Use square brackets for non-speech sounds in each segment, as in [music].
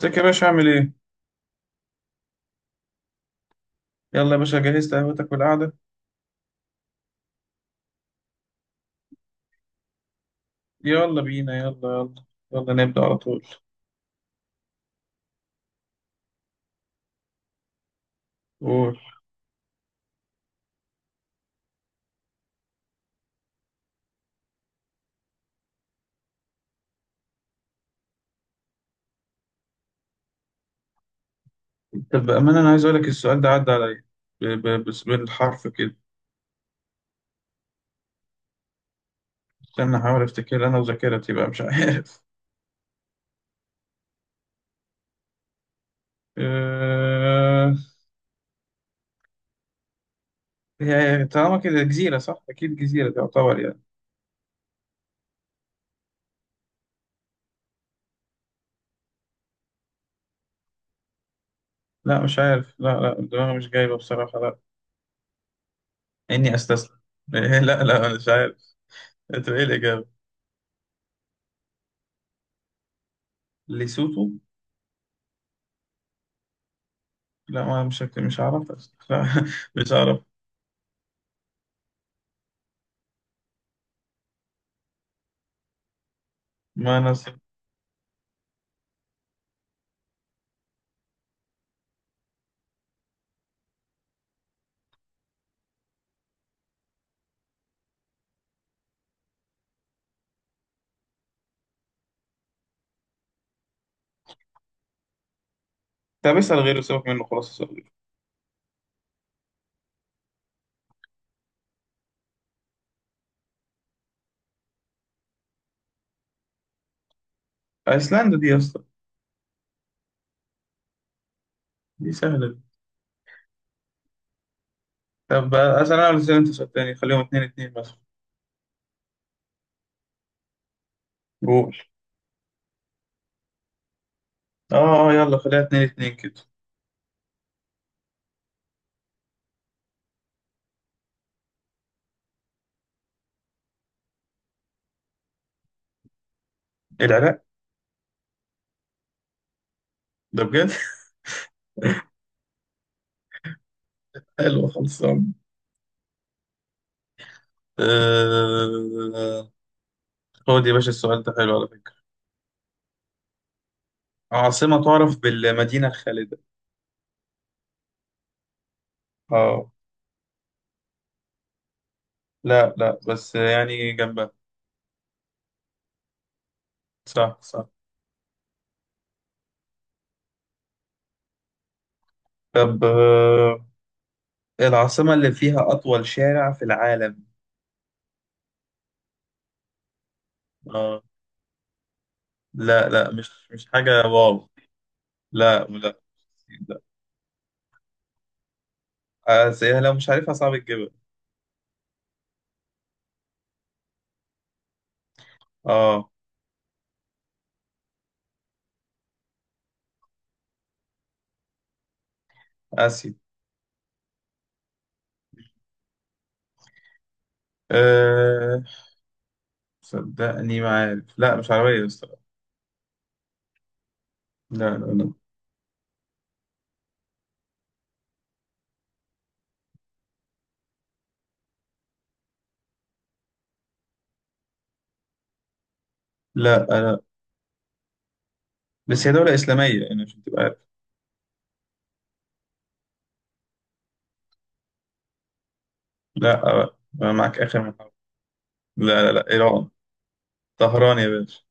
ازيك يا باشا عامل ايه؟ يلا يا باشا جهزت قهوتك والقعدة. يلا بينا يلا. يلا. يلا نبدأ على طول. قول. طب بأمانة أنا عايز أقول لك السؤال ده عدى عليا بس بالحرف كده. استنى أحاول أفتكر أنا وذاكرتي بقى مش عارف. [laughs] أه... هي طالما كده جزيرة صح؟ أكيد جزيرة تعتبر يعني. لا مش عارف، لا لا، الدماغ مش جايبة بصراحة، لا. إني أستسلم. [laughs] إيه، لا لا، أنا مش عارف. أنت إيه الإجابة؟ ليسوتو؟ لا ما مش عارف. لا [laughs] مش عارف. ما أنا. طب اسأل غيره، سيبك منه خلاص، اسأل غيره. أيسلندا دي يا اسطى. دي سهلة دي. طب أسأل أنا ولا أسأل أنت سؤال تاني، خليهم اتنين اتنين مثلا. قول. آه. آه يلا خليها اتنين اتنين كده. العراق. ده بجد. [laughs] حلو خلصان. آه... خد يا باشا السؤال ده حلو على فكرة. عاصمة تعرف بالمدينة الخالدة. آه، لا لا بس يعني جنبها. صح صح. طب العاصمة اللي فيها أطول شارع في العالم. آه لا لا، مش حاجة واو. لا لا. آه، زيها لو مش عارفها صعب تجيبها. اه اسيا. أه. صدقني ما عارف، لا مش عربية الصراحة. لا لا لا. لا بس هي دولة إسلامية يعني عشان تبقى عارف. لا آه، أنا معاك آخر من حرف. لا لا لا، إيران. طهران يا باشا.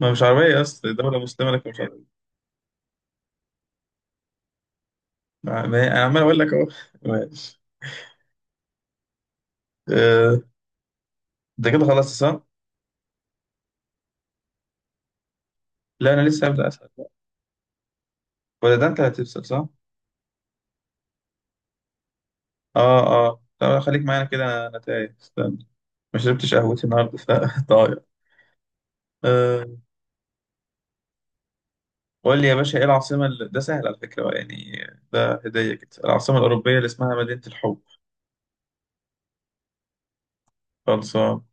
ما مش عربية أصلا، دولة مسلمة لكن مش عربية. ما هي أنا عمال أقول لك أهو [laughs] ماشي. آه، ده كده خلاص صح؟ لا أنا لسه هبدأ أسأل بقى. ولا ده أنت هتسأل صح؟ آه. آه طب خليك معانا كده، أنا تايه استنى. ما شربتش قهوتي النهاردة فطاير. [laughs] قول لي يا باشا ايه العاصمة اللي... ده سهل على فكرة بقى، يعني ده هدية كده. العاصمة الأوروبية اللي اسمها مدينة الحب. خلصان.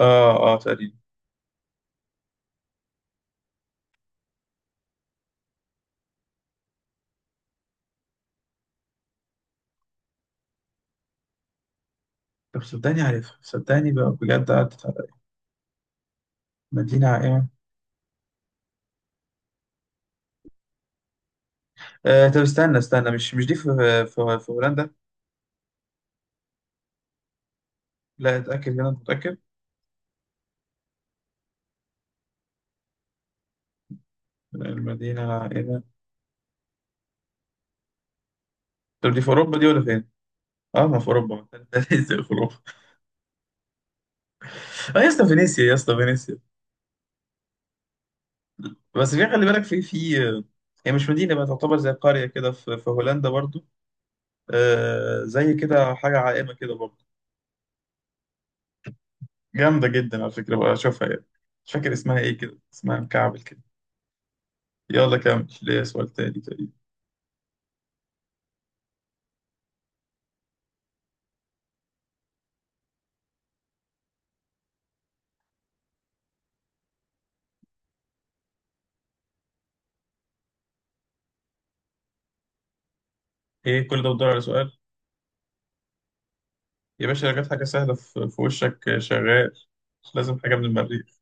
اه اه تقريبا. طب صدقني عارفها، صدقني بقى بجد، عدت على مدينة عائمة. آه طب استنى استنى، مش مش دي في في هولندا. لا اتأكد هنا متأكد. المدينة العائمة. طب دي في أوروبا دي ولا فين؟ اه ما في أوروبا، [laughs] ده لسه في أوروبا. اه يا اسطى فينيسيا يا اسطى فينيسيا. بس في خلي بالك في هي مش مدينة بقى، تعتبر زي قرية كده في هولندا برضو. آه زي كده حاجة عائمة كده برضه، جامدة جدا على فكرة بقى أشوفها يعني. مش فاكر اسمها إيه كده، اسمها مكعبل كده. يلا كمل ليه سؤال تاني تقريبا. إيه كل ده بتدور على سؤال؟ يا باشا لو جت حاجة سهلة في وشك آه، شغال. مش لازم حاجة من المريخ.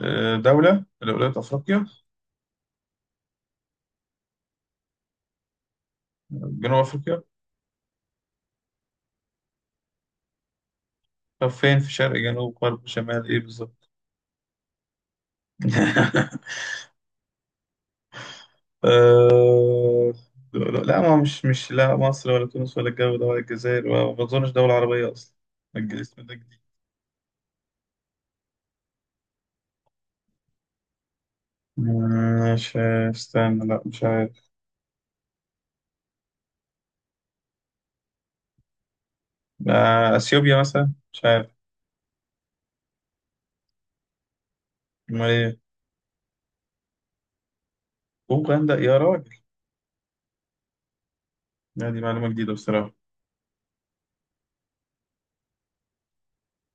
آه دولة من ولايات أفريقيا. جنوب أفريقيا. طب فين، في شرق جنوب غرب شمال إيه بالظبط؟ [laughs] آه. لا ما مش لا مصر ولا تونس ولا الجو ده ولا الجزائر، وما أظنش دولة عربية أصلا. اسم ده مش، استنى، لا مش عارف. آه، اثيوبيا مثلا، مش عارف. امال ايه؟ اوغندا يا راجل. لا دي معلومه جديده بصراحه.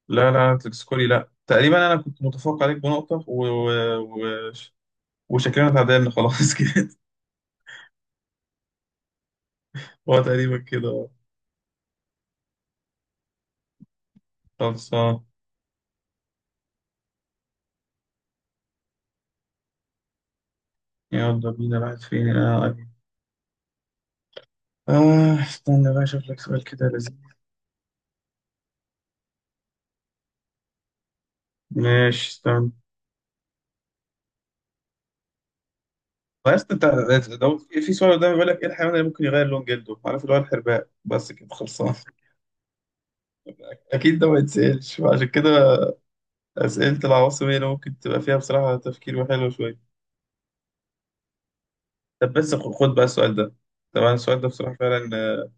لا لا تسكولي، لا تقريبا انا كنت متفوق عليك بنقطه و... وشكلنا اتعادلنا خلاص [laughs] كده. هو تقريبا كده. خلصان. يلا بينا راحت فين اه. آه، استنى بقى اشوف لك سؤال كده لذيذ. ماشي استنى. بس انت لو في سؤال قدامي بيقول لك ايه الحيوان اللي ممكن يغير لون جلده؟ عارف اللي هو الحرباء بس كده خلصان. اكيد ده ما يتسالش عشان كده. اسئله العواصم هي اللي ممكن تبقى فيها بصراحه تفكير وحلو شويه. طب بس خد بقى السؤال ده. طبعا السؤال ده بصراحه فعلا آه،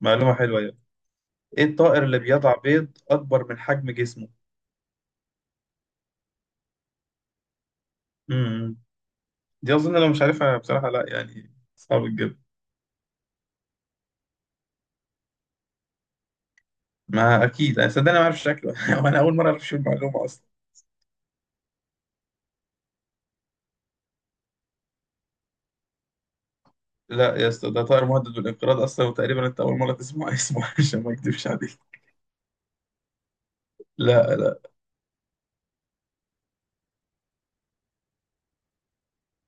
معلومه حلوه يعني. ايه الطائر اللي بيضع بيض اكبر من حجم جسمه؟ امم دي اظن لو مش عارفها بصراحه لا، يعني صعب جدا. ما اكيد انا صدقني ما اعرف شكله [laughs] وانا اول مره اعرف شو المعلومه اصلا. لا يا اسطى ده طائر مهدد بالانقراض اصلا، وتقريبا انت اول مره تسمع اسمه [laughs] عشان ما اكدبش عليك. لا لا.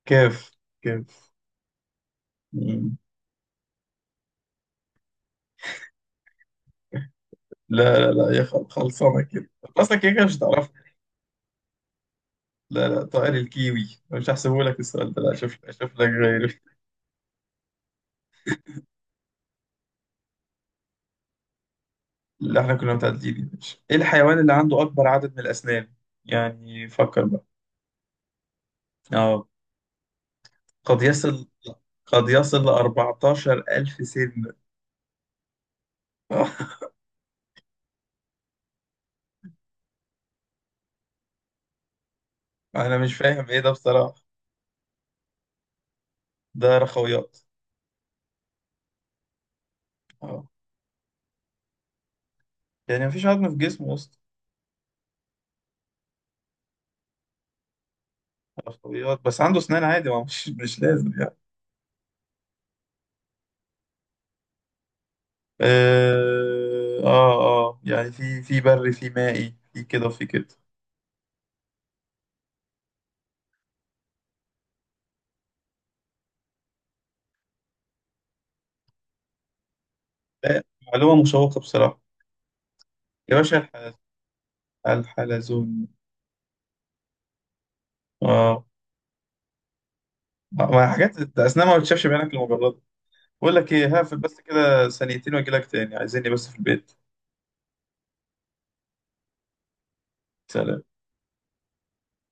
كيف. كيف. لا لا لا يا خلصانه كده. اصلا كده كده مش هتعرف. لا لا طائر الكيوي. أنا مش هحسبه لك السؤال ده، لا شوف شوف لك غير. اللي احنا كنا متعدلين يا باشا. ايه الحيوان اللي عنده اكبر عدد من الاسنان؟ يعني فكر بقى. اه. قد يصل قد يصل ل 14 ألف سن. [laughs] انا مش فاهم ايه ده بصراحه. ده رخويات. اه، يعني مفيش عظم في جسمه اصلا. رخويات بس عنده اسنان عادي، ما مش مش لازم يعني. اه اه آه. يعني في بري في مائي في كده وفي كده. لا معلومة مشوقة بصراحة. يا باشا الحلزون. اه. ما حاجات ده أثناء ما بتشافش بعينك المجرد. بقول لك ايه، هقفل بس كده ثانيتين واجي لك تاني، عايزيني بس في البيت. سلام.